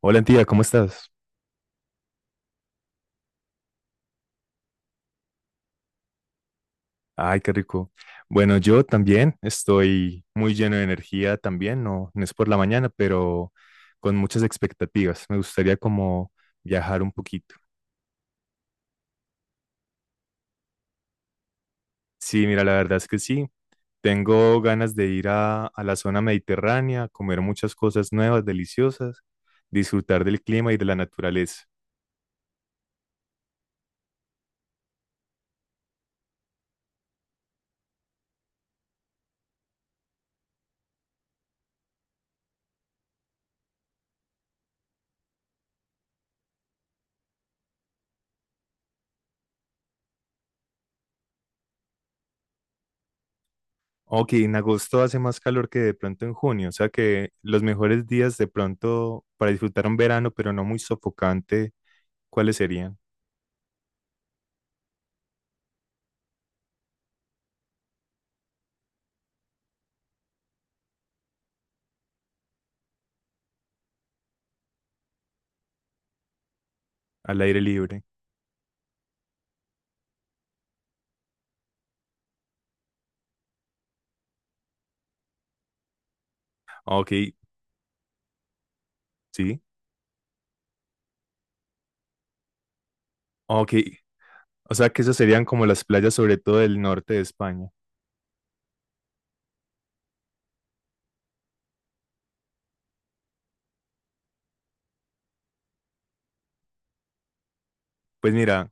Hola, tía, ¿cómo estás? Ay, qué rico. Bueno, yo también estoy muy lleno de energía también, no es por la mañana, pero con muchas expectativas. Me gustaría como viajar un poquito. Sí, mira, la verdad es que sí. Tengo ganas de ir a la zona mediterránea, comer muchas cosas nuevas, deliciosas, disfrutar del clima y de la naturaleza. Ok, en agosto hace más calor que de pronto en junio, o sea que los mejores días de pronto para disfrutar un verano, pero no muy sofocante. ¿Cuáles serían? Al aire libre. Ah, ok, sí. Ah, ok. O sea que esas serían como las playas, sobre todo del norte de España. Pues mira,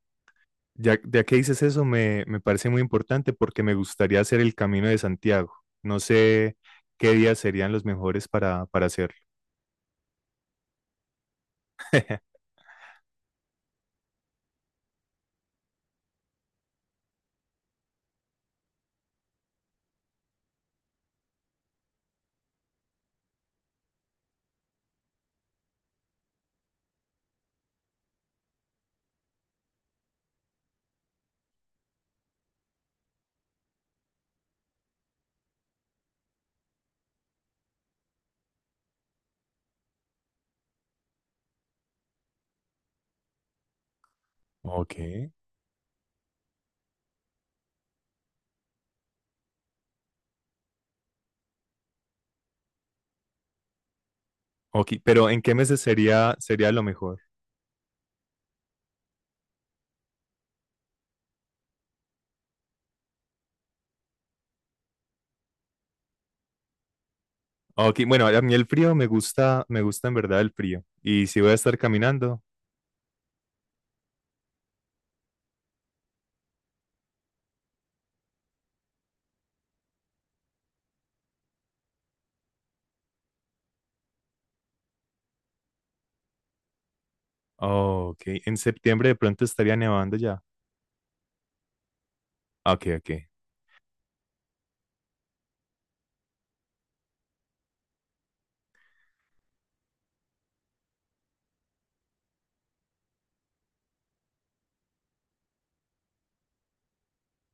ya que dices eso, me parece muy importante porque me gustaría hacer el Camino de Santiago. No sé qué días serían los mejores para hacerlo. Ok. Ok, pero ¿en qué meses sería lo mejor? Ah, ok, bueno, a mí el frío me gusta en verdad el frío. Y si voy a estar caminando, ah, ok, en septiembre de pronto estaría nevando ya. Ah, ok, ok.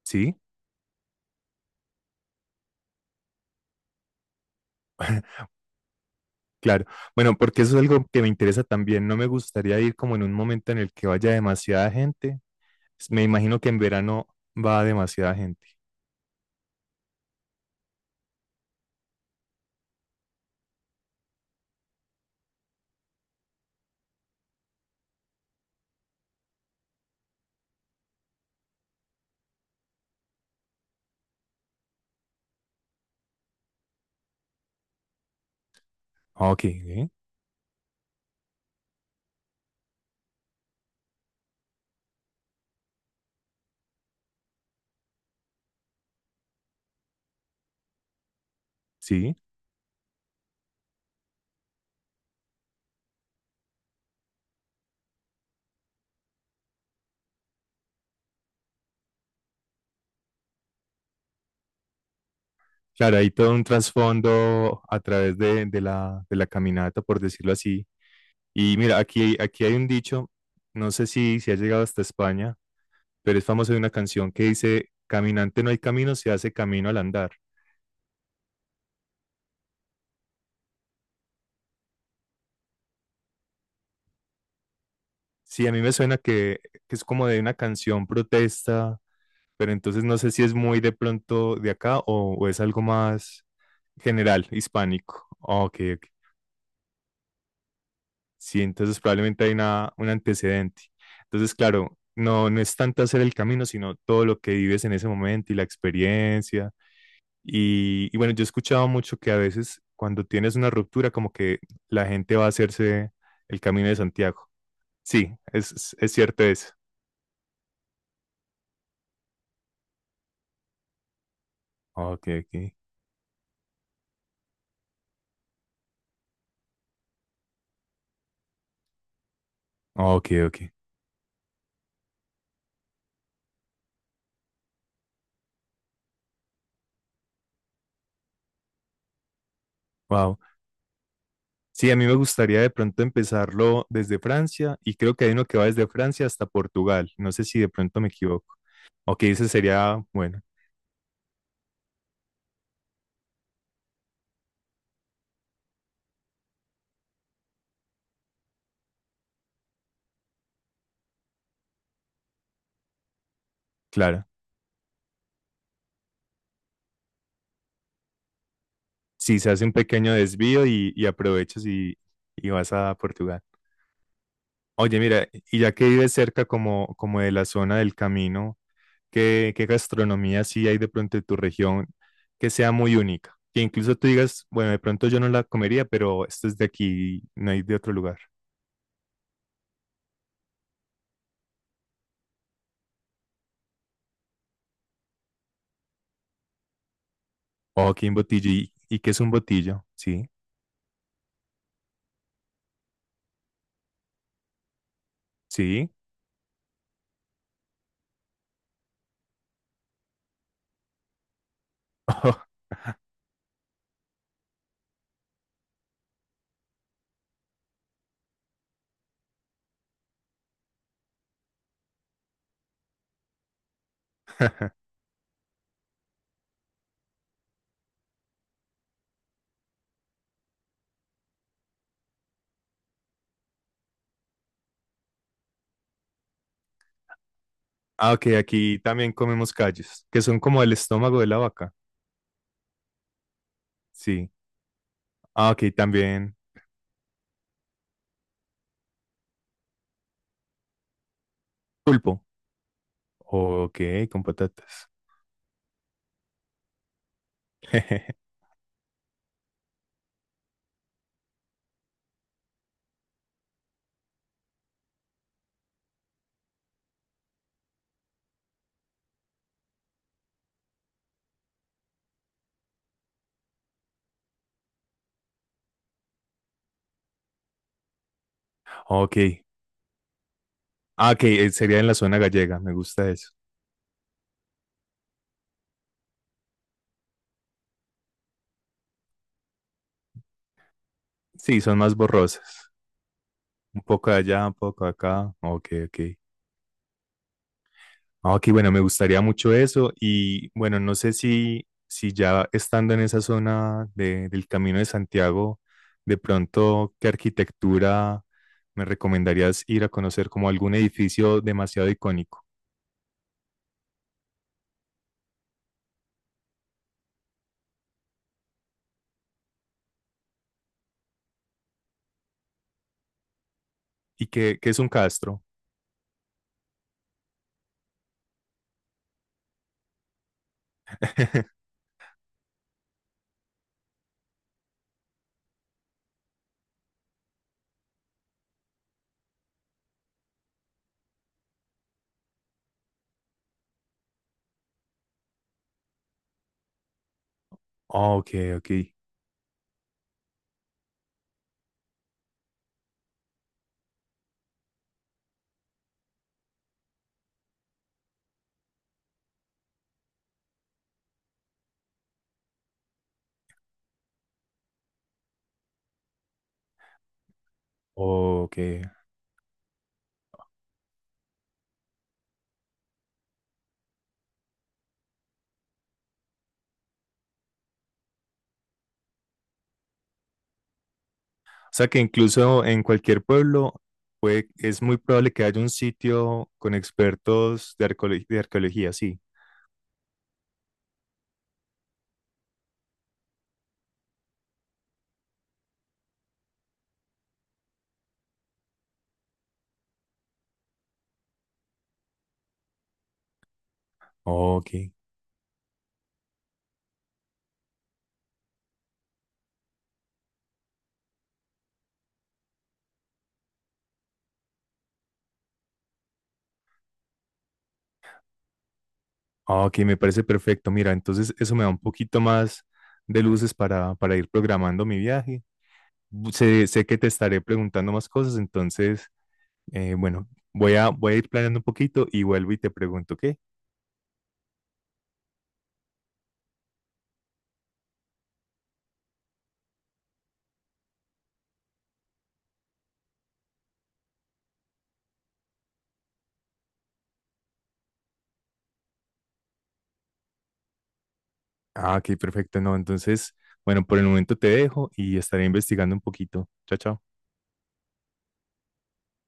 ¿Sí? Claro, bueno, porque eso es algo que me interesa también. No me gustaría ir como en un momento en el que vaya demasiada gente. Me imagino que en verano va demasiada gente. Ah, ok, ¿eh? Sí. Claro, hay todo un trasfondo a través de la caminata, por decirlo así. Y mira, aquí hay un dicho, no sé si ha llegado hasta España, pero es famoso de una canción que dice, caminante no hay camino, se hace camino al andar. Sí, a mí me suena que es como de una canción protesta, pero entonces no sé si es muy de pronto de acá o es algo más general, hispánico. Ah, ok, ok. Sí, entonces probablemente hay una, un antecedente. Entonces, claro, no, no es tanto hacer el camino, sino todo lo que vives en ese momento y la experiencia. Y bueno, yo he escuchado mucho que a veces cuando tienes una ruptura, como que la gente va a hacerse el Camino de Santiago. Sí, es es cierto eso. Ok, ok. Ok, ok. Wow. Sí, a mí me gustaría de pronto empezarlo desde Francia y creo que hay uno que va desde Francia hasta Portugal. No sé si de pronto me equivoco. Ok, ese sería, bueno, claro. Sí, se hace un pequeño desvío y aprovechas y vas a Portugal. Oye, mira, y ya que vives cerca como de la zona del camino, ¿qué, qué gastronomía sí hay de pronto en tu región que sea muy única? Que incluso tú digas, bueno, de pronto yo no la comería, pero esto es de aquí, no hay de otro lugar. Oh, qué un botillo. Y qué es un botillo? Sí. Sí. Ah, ok, aquí también comemos callos, que son como el estómago de la vaca. Sí. Ah, ok, también pulpo. Ok, con patatas. Ok. Ah, ok, sería en la zona gallega, me gusta eso. Sí, son más borrosas. Un poco de allá, un poco de acá. Ok, ok. Ah, ok, bueno, me gustaría mucho eso y bueno, no sé si, si ya estando en esa zona del Camino de Santiago, de pronto, ¿qué arquitectura me recomendarías ir a conocer como algún edificio demasiado icónico? ¿Y qué, qué es un castro? Ah, ok, ok, ok. O sea que incluso en cualquier pueblo es muy probable que haya un sitio con expertos de de arqueología, sí. Ok. Ah, ok, me parece perfecto. Mira, entonces eso me da un poquito más de luces para ir programando mi viaje. Sé que te estaré preguntando más cosas, entonces, bueno, voy a ir planeando un poquito y vuelvo y te pregunto, ¿qué? Ah, ok, perfecto. No, entonces, bueno, por el momento te dejo y estaré investigando un poquito. Chao, chao.